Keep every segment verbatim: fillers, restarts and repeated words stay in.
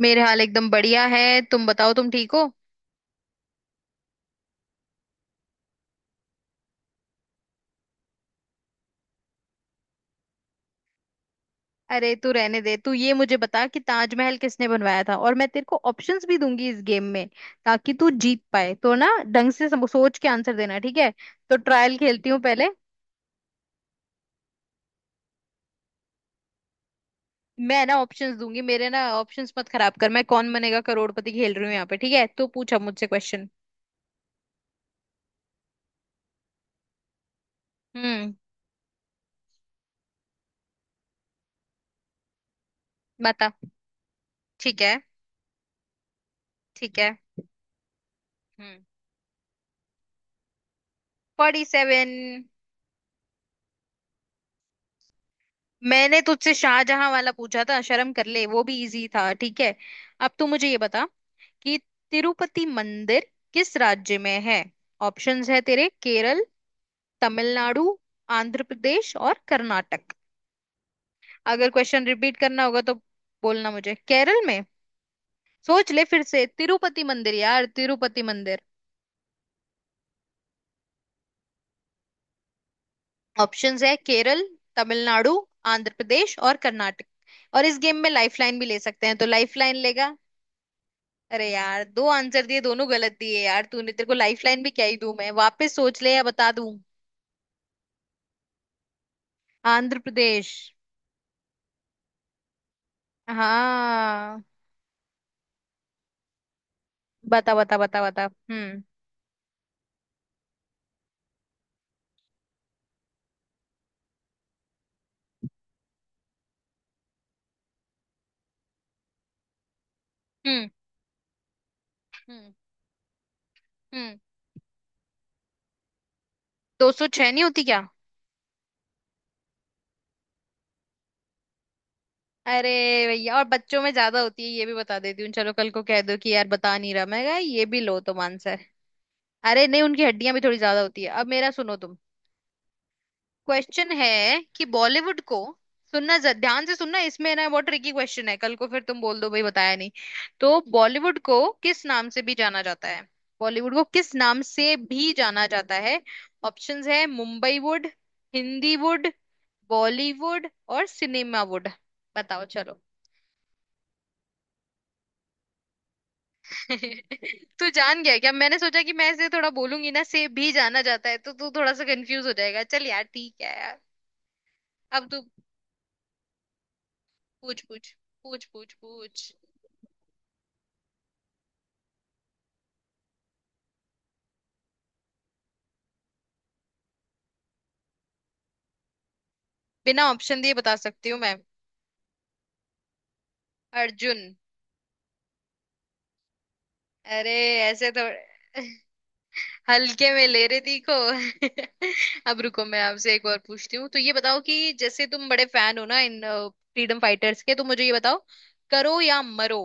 मेरे हाल एकदम बढ़िया है। तुम बताओ, तुम ठीक हो? अरे तू रहने दे। तू ये मुझे बता कि ताजमहल किसने बनवाया था, और मैं तेरे को ऑप्शंस भी दूंगी इस गेम में ताकि तू जीत पाए, तो ना ढंग से सम- सोच के आंसर देना, ठीक है? तो ट्रायल खेलती हूँ पहले। मैं ना ऑप्शंस दूंगी, मेरे ना ऑप्शंस मत खराब कर। मैं कौन बनेगा करोड़पति खेल रही हूँ यहाँ पे, ठीक है? तो पूछा मुझसे क्वेश्चन। हम्म। बता। ठीक है। ठीक है। हम्म। Forty seven. मैंने तुझसे शाहजहां वाला पूछा था, शर्म कर ले, वो भी इजी था। ठीक है, अब तू मुझे ये बता कि तिरुपति मंदिर किस राज्य में है। ऑप्शंस है तेरे: केरल, तमिलनाडु, आंध्र प्रदेश और कर्नाटक। अगर क्वेश्चन रिपीट करना होगा तो बोलना मुझे। केरल में? सोच ले फिर से। तिरुपति मंदिर यार, तिरुपति मंदिर। ऑप्शंस है केरल, तमिलनाडु, आंध्र प्रदेश और कर्नाटक। और इस गेम में लाइफलाइन भी ले सकते हैं, तो लाइफलाइन लेगा? अरे यार, दो आंसर दिए, दोनों गलत दिए यार तूने। तेरे को लाइफलाइन भी क्या ही दूं मैं। वापस सोच ले या बता दूं? आंध्र प्रदेश। हाँ, बता बता बता बता। हम्म, हम्म, हम्म, हम्म। दो सौ छह नहीं होती क्या? अरे भैया, और बच्चों में ज्यादा होती है, ये भी बता देती हूँ। चलो, कल को कह दो कि यार बता नहीं रहा, मैं कहा, ये भी लो तुम आंसर। अरे नहीं, उनकी हड्डियां भी थोड़ी ज्यादा होती है। अब मेरा सुनो तुम। क्वेश्चन है कि बॉलीवुड को सुनना, ज- ध्यान से सुनना, इसमें ना बहुत ट्रिकी क्वेश्चन है, कल को फिर तुम बोल दो भाई बताया नहीं। तो बॉलीवुड को किस नाम से भी जाना जाता है? बॉलीवुड को किस नाम से भी जाना जाता है? ऑप्शंस है Mumbai wood, Hindi wood, Bollywood और सिनेमा वुड। बताओ चलो। तू जान गया क्या? मैंने सोचा कि मैं इसे थोड़ा बोलूंगी "ना से भी जाना जाता है" तो तू थोड़ा सा कंफ्यूज हो जाएगा। चल यार, ठीक है यार। अब तू पूछ, पूछ पूछ पूछ पूछ। बिना ऑप्शन दिए बता सकती हूँ मैं? अर्जुन। अरे ऐसे तो हल्के में ले रही थी को। अब रुको, मैं आपसे एक और पूछती हूँ। तो ये बताओ कि जैसे तुम बड़े फैन हो ना इन फ्रीडम फाइटर्स के, तो मुझे ये बताओ: करो या मरो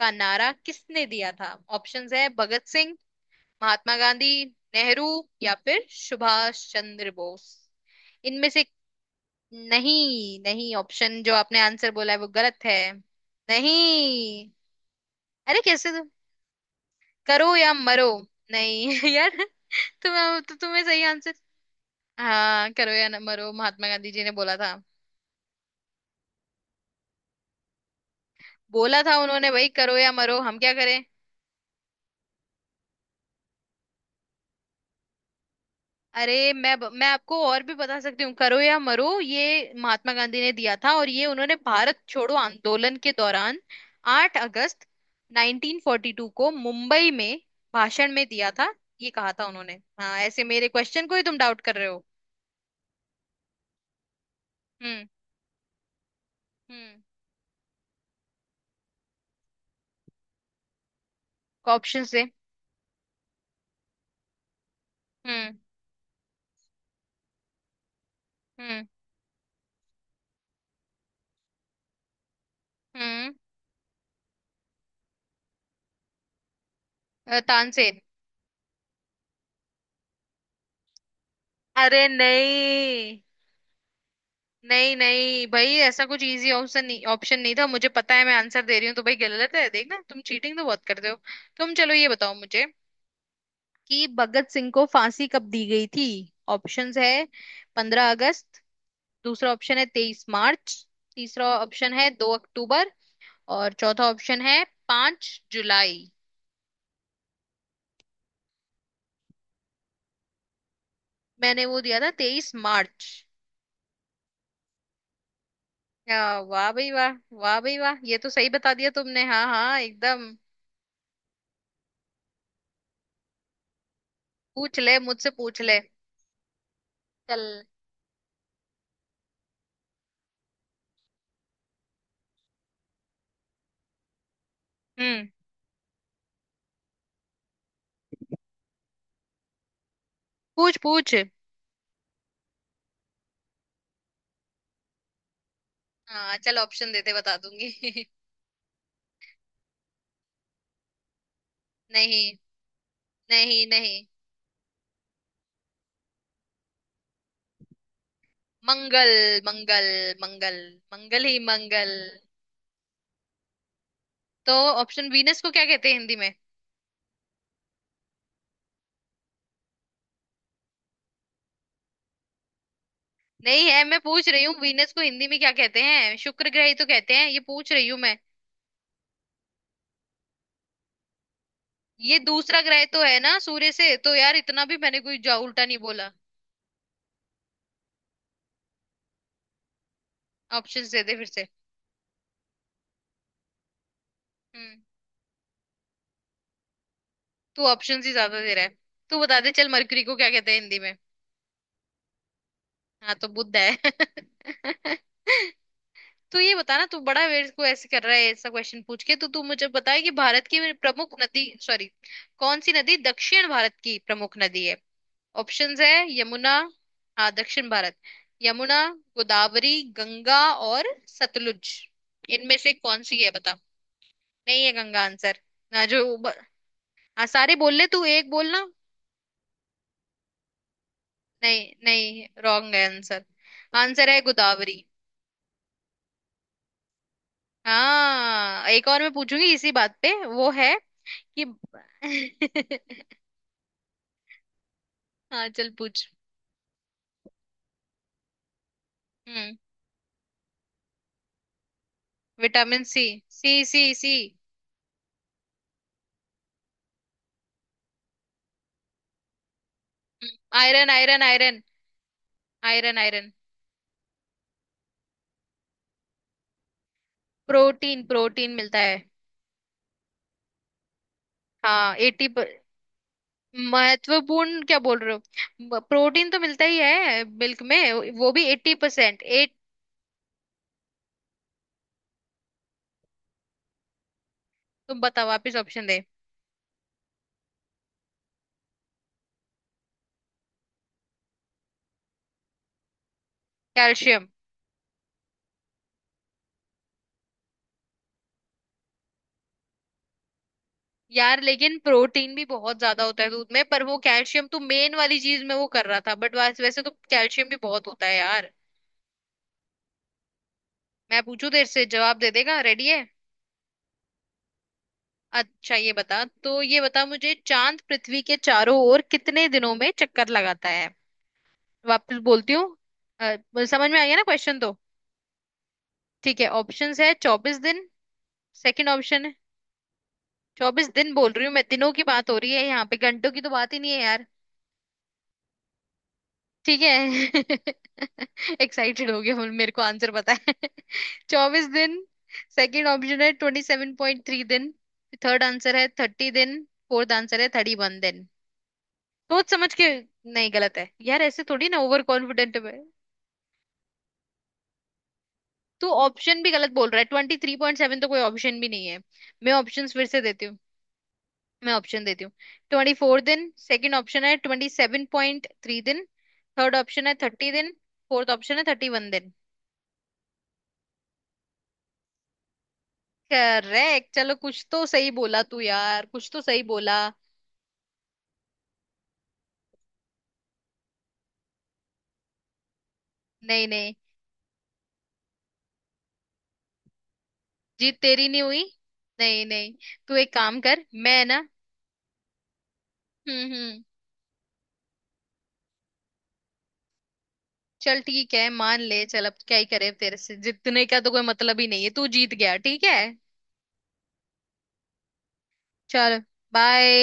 का नारा किसने दिया था? ऑप्शंस है भगत सिंह, महात्मा गांधी, नेहरू या फिर सुभाष चंद्र बोस। इनमें से। नहीं नहीं, ऑप्शन जो आपने आंसर बोला है वो गलत है। नहीं। अरे कैसे तो? करो या मरो। नहीं, यार तुम्हें तो, तुम्हें सही आंसर। हाँ, करो या न मरो महात्मा गांधी जी ने बोला था। बोला था उन्होंने भाई, करो या मरो, हम क्या करें? अरे मैं ब- मैं आपको और भी बता सकती हूँ। करो या मरो ये महात्मा गांधी ने दिया था, और ये उन्होंने भारत छोड़ो आंदोलन के दौरान 8 अगस्त नाइनटीन फोर्टी टू को मुंबई में भाषण में दिया था। ये कहा था उन्होंने। हाँ, ऐसे मेरे क्वेश्चन को ही तुम डाउट कर रहे हो। हम्म। हम्म। ऑप्शन से। हम्म। हम्म। हम्म। अ, तानसेन। अरे नहीं। नहीं नहीं भाई, ऐसा कुछ इजी ऑप्शन नहीं, ऑप्शन नहीं था। मुझे पता है, मैं आंसर दे रही हूँ तो भाई गलत है। देखना, तुम चीटिंग तो बहुत करते हो। तुम चलो ये बताओ मुझे कि भगत सिंह को फांसी कब दी गई थी। ऑप्शंस है पंद्रह अगस्त, दूसरा ऑप्शन है तेईस मार्च, तीसरा ऑप्शन है दो अक्टूबर, और चौथा ऑप्शन है पांच जुलाई। मैंने वो दिया था तेईस मार्च। आ, वाह भाई वाह, वाह भाई वाह! ये तो सही बता दिया तुमने, हाँ हाँ एकदम। पूछ ले मुझसे, पूछ ले। चल। हम्म। पूछ पूछ। हाँ चल, ऑप्शन देते बता दूंगी। नहीं, नहीं नहीं। मंगल, मंगल, मंगल, मंगल ही मंगल। तो ऑप्शन वीनस को क्या कहते हैं हिंदी में? नहीं है। मैं पूछ रही हूँ वीनस को हिंदी में क्या कहते हैं? शुक्र ग्रह ही तो कहते हैं, ये पूछ रही हूँ मैं। ये दूसरा ग्रह तो है ना सूर्य से, तो यार इतना भी मैंने कोई जा उल्टा नहीं बोला। ऑप्शन दे दे फिर से। हम्म। तू ऑप्शन ही ज्यादा दे रहा है। तू बता दे चल, मरकरी को क्या कहते हैं हिंदी में? हाँ तो बुद्ध है। तो ये बता ना, तू बड़ा मेरे को ऐसे कर रहा है ऐसा क्वेश्चन पूछ के। तो तू मुझे बता कि भारत की प्रमुख नदी सॉरी, कौन सी नदी दक्षिण भारत की प्रमुख नदी है? ऑप्शंस है यमुना। हाँ, दक्षिण भारत। यमुना, गोदावरी, गंगा और सतलुज। इनमें से कौन सी है, बता? नहीं है गंगा आंसर। ना जो ब... हाँ, सारे बोल ले तू, एक बोलना। नहीं नहीं, रॉन्ग है आंसर। आंसर है गोदावरी। हाँ, एक और मैं पूछूंगी इसी बात पे वो है कि। हाँ चल पूछ। हम्म। Vitamin C, C C C. हम्म, iron iron iron iron iron. Protein, protein मिलता है। हाँ एटी। महत्वपूर्ण क्या बोल रहे हो? प्रोटीन तो मिलता ही है मिल्क में, वो भी एट्टी परसेंट एट। तुम बताओ वापिस, ऑप्शन दे। कैल्शियम। यार लेकिन प्रोटीन भी बहुत ज्यादा होता है दूध में, पर वो कैल्शियम तो मेन वाली चीज में वो कर रहा था, बट वैसे वैसे तो कैल्शियम भी बहुत होता है यार। मैं पूछू तेरे से, जवाब दे देगा? रेडी है? अच्छा ये बता, तो ये बता मुझे चांद पृथ्वी के चारों ओर कितने दिनों में चक्कर लगाता है? वापस बोलती हूँ। अ, समझ में आ गया ना क्वेश्चन तो? ठीक है, ऑप्शंस है चौबीस दिन, सेकंड ऑप्शन है। चौबीस दिन बोल रही हूँ मैं, दिनों की बात हो रही है यहाँ पे, घंटों की तो बात ही नहीं है यार। ठीक है। एक्साइटेड हो गया, मेरे को आंसर पता है। चौबीस दिन, सेकंड ऑप्शन है ट्वेंटी सेवन पॉइंट थ्री दिन, थर्ड आंसर है थर्टी दिन, फोर्थ आंसर है थर्टी वन दिन। सोच समझ के। नहीं गलत है यार, ऐसे थोड़ी ना ओवर कॉन्फिडेंट में। तू ऑप्शन भी गलत बोल रहा है, ट्वेंटी थ्री पॉइंट सेवन तो कोई ऑप्शन भी नहीं है। मैं ऑप्शन फिर से देती हूँ। मैं ऑप्शन देती हूँ: ट्वेंटी फोर दिन, सेकंड ऑप्शन है ट्वेंटी सेवन पॉइंट थ्री दिन, थर्ड ऑप्शन है थर्टी दिन, फोर्थ ऑप्शन है थर्टी वन दिन। करेक्ट, चलो कुछ तो सही बोला तू यार, कुछ तो सही बोला। नहीं नहीं, जीत तेरी नहीं हुई। नहीं नहीं, तू एक काम कर, मैं ना। हम्म हम्म। चल ठीक है, मान ले चल, अब क्या ही करे, तेरे से जीतने का तो कोई मतलब ही नहीं है, तू जीत गया ठीक है। चल, बाय।